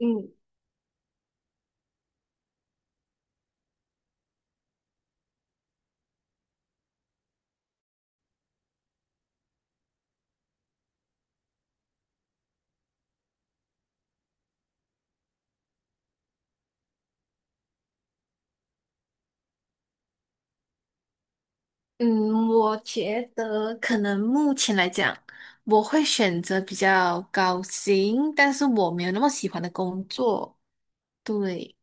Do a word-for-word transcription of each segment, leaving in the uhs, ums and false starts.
嗯嗯，我觉得可能目前来讲，我会选择比较高薪，但是我没有那么喜欢的工作。对，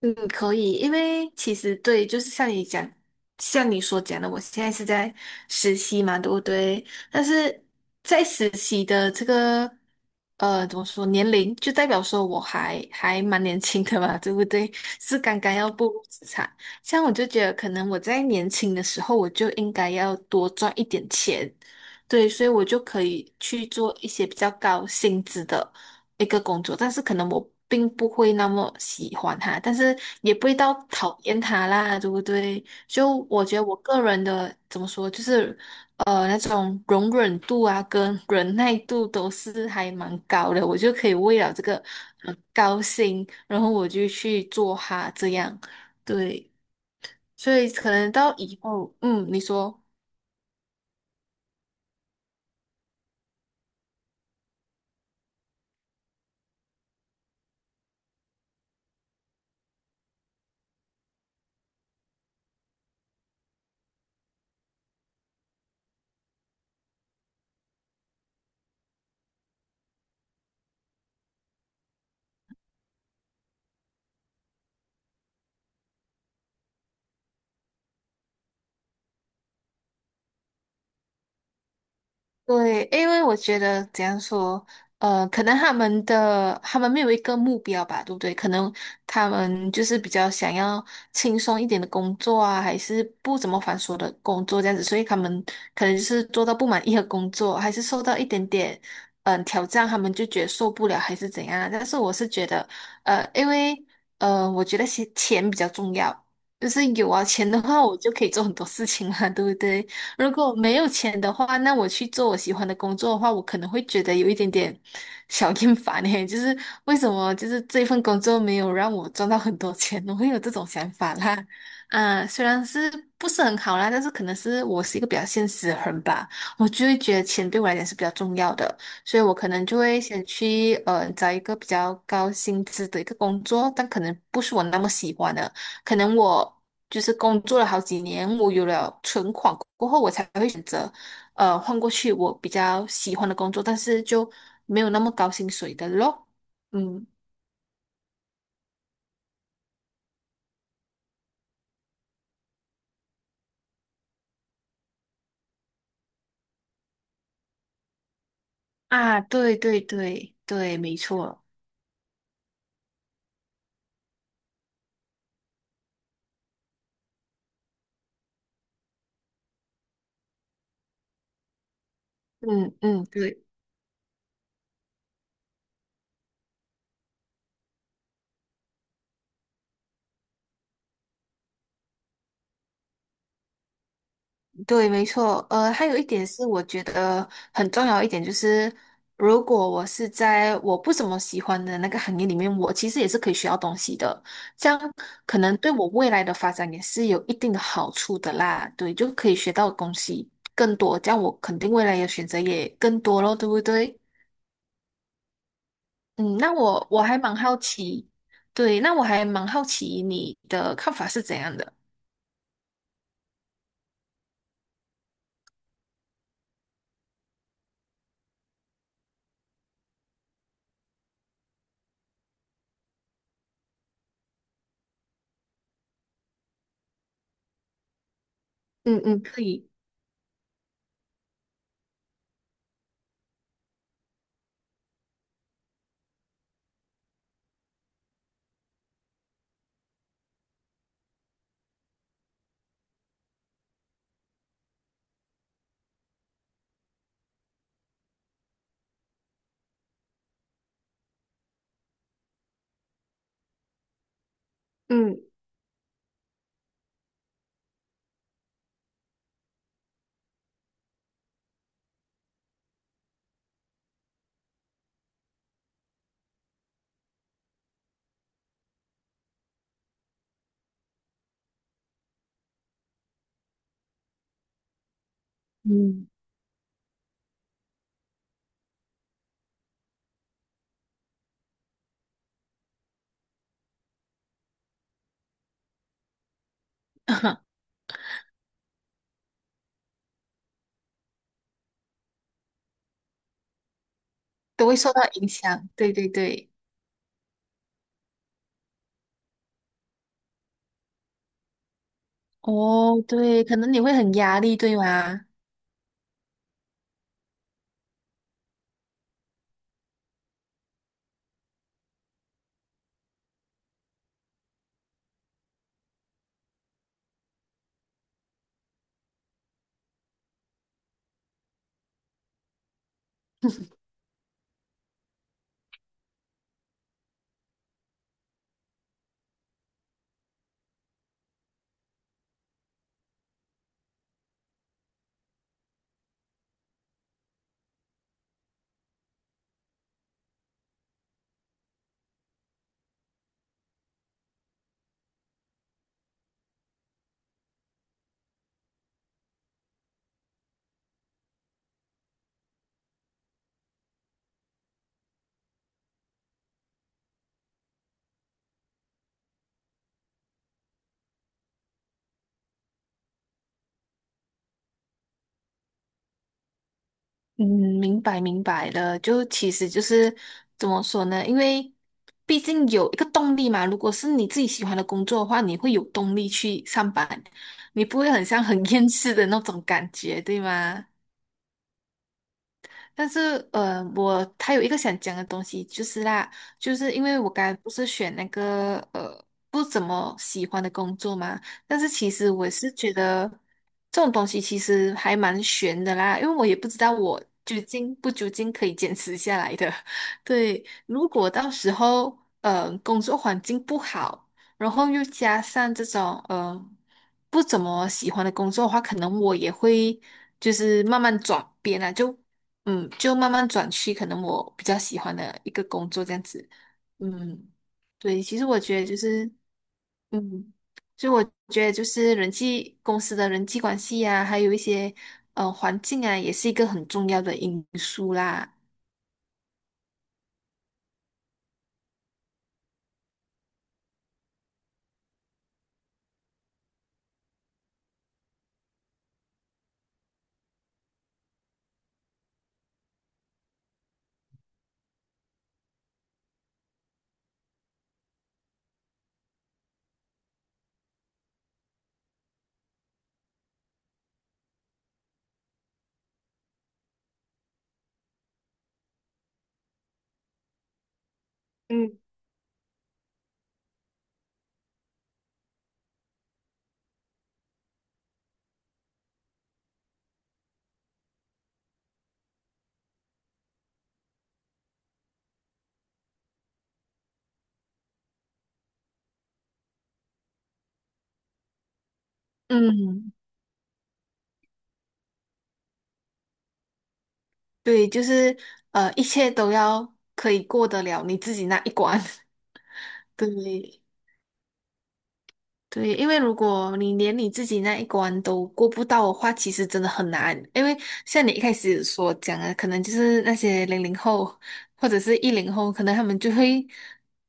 嗯，可以，因为其实对，就是像你讲，像你所讲的，我现在是在实习嘛，对不对？但是在实习的这个呃，怎么说年龄，就代表说我还还蛮年轻的嘛，对不对？是刚刚要步入职场，像我就觉得，可能我在年轻的时候，我就应该要多赚一点钱，对，所以我就可以去做一些比较高薪资的。一个工作，但是可能我并不会那么喜欢他，但是也不会到讨厌他啦，对不对？就我觉得我个人的怎么说，就是呃那种容忍度啊跟忍耐度都是还蛮高的，我就可以为了这个呃高薪，然后我就去做哈，这样，对，所以可能到以后，嗯，你说。对，因为我觉得怎样说，呃，可能他们的他们没有一个目标吧，对不对？可能他们就是比较想要轻松一点的工作啊，还是不怎么繁琐的工作这样子，所以他们可能就是做到不满意的工作，还是受到一点点嗯、呃挑战，他们就觉得受不了还是怎样啊。但是我是觉得，呃，因为呃，我觉得钱钱比较重要，就是有啊钱的话，我就可以做很多事情嘛，对不对？如果没有钱的话，那我去做我喜欢的工作的话，我可能会觉得有一点点 小厌烦诶，就是为什么就是这份工作没有让我赚到很多钱，我会有这种想法啦。啊，虽然是不是很好啦，但是可能是我是一个比较现实的人吧，我就会觉得钱对我来讲是比较重要的，所以我可能就会先去呃找一个比较高薪资的一个工作，但可能不是我那么喜欢的。可能我就是工作了好几年，我有了存款过后，我才会选择呃换过去我比较喜欢的工作，但是就没有那么高薪水的咯。嗯啊，对对对对，没错。嗯嗯，对。对，没错。呃，还有一点是，我觉得很重要一点就是，如果我是在我不怎么喜欢的那个行业里面，我其实也是可以学到东西的。这样可能对我未来的发展也是有一定的好处的啦。对，就可以学到的东西更多，这样我肯定未来的选择也更多咯，对不对？嗯，那我我还蛮好奇，对，那我还蛮好奇你的看法是怎样的？嗯嗯，可以。嗯。嗯。都会受到影响。对对对，哦，对，可能你会很压力，对吗？嗯，明白明白了。就其实就是怎么说呢？因为毕竟有一个动力嘛。如果是你自己喜欢的工作的话，你会有动力去上班，你不会很像很 厌世的那种感觉，对吗？但是，呃，我他有一个想讲的东西，就是啦，就是因为我刚才不是选那个呃不怎么喜欢的工作嘛，但是其实我是觉得这种东西其实还蛮悬的啦，因为我也不知道我究竟不究竟可以坚持下来的。对，如果到时候呃工作环境不好，然后又加上这种呃不怎么喜欢的工作的话，可能我也会就是慢慢转变啊，就嗯，就慢慢转去可能我比较喜欢的一个工作这样子。嗯，对，其实我觉得就是，嗯，就我觉得就是人际公司的人际关系呀、还有一些呃环境啊，也是一个很重要的因素啦。嗯，对，就是呃，一切都要可以过得了你自己那一关。对，对，因为如果你连你自己那一关都过不到的话，其实真的很难。因为像你一开始所讲的，可能就是那些零零后或者是一零后，可能他们就会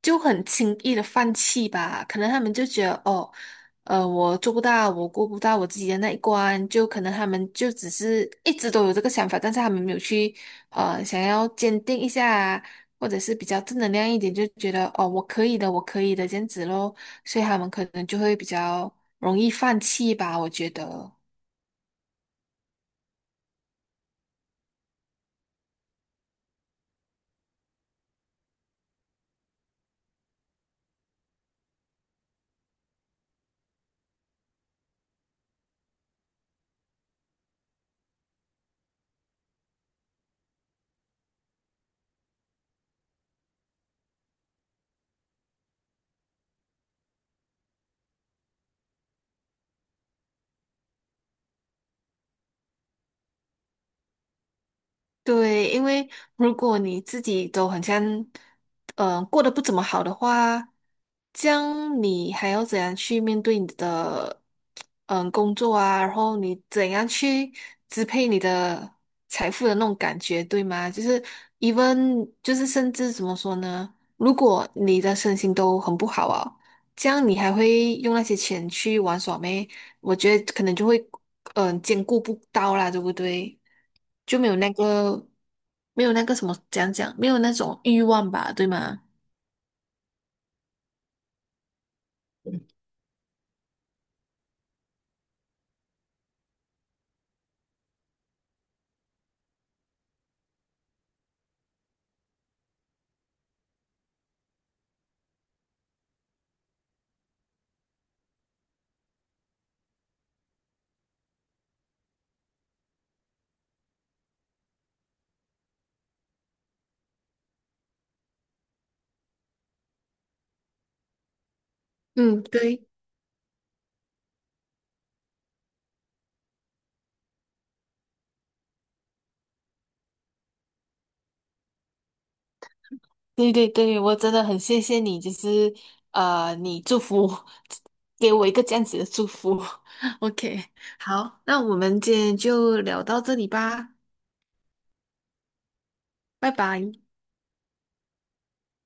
就很轻易的放弃吧。可能他们就觉得哦，呃，我做不到，我过不到我自己的那一关，就可能他们就只是一直都有这个想法，但是他们没有去呃想要坚定一下，或者是比较正能量一点，就觉得哦，我可以的，我可以的这样子咯，所以他们可能就会比较容易放弃吧，我觉得。对，因为如果你自己都很像，嗯、过得不怎么好的话，这样你还要怎样去面对你的嗯工作啊？然后你怎样去支配你的财富的那种感觉，对吗？就是 even 就是甚至怎么说呢？如果你的身心都很不好啊，这样你还会用那些钱去玩耍咩？我觉得可能就会，嗯、兼顾不到啦，对不对？就没有那个，没有那个什么，讲讲，没有那种欲望吧，对吗？嗯，对，对对对，我真的很谢谢你，就是呃，你祝福 给我一个这样子的祝福。OK，好，那我们今天就聊到这里吧，拜拜。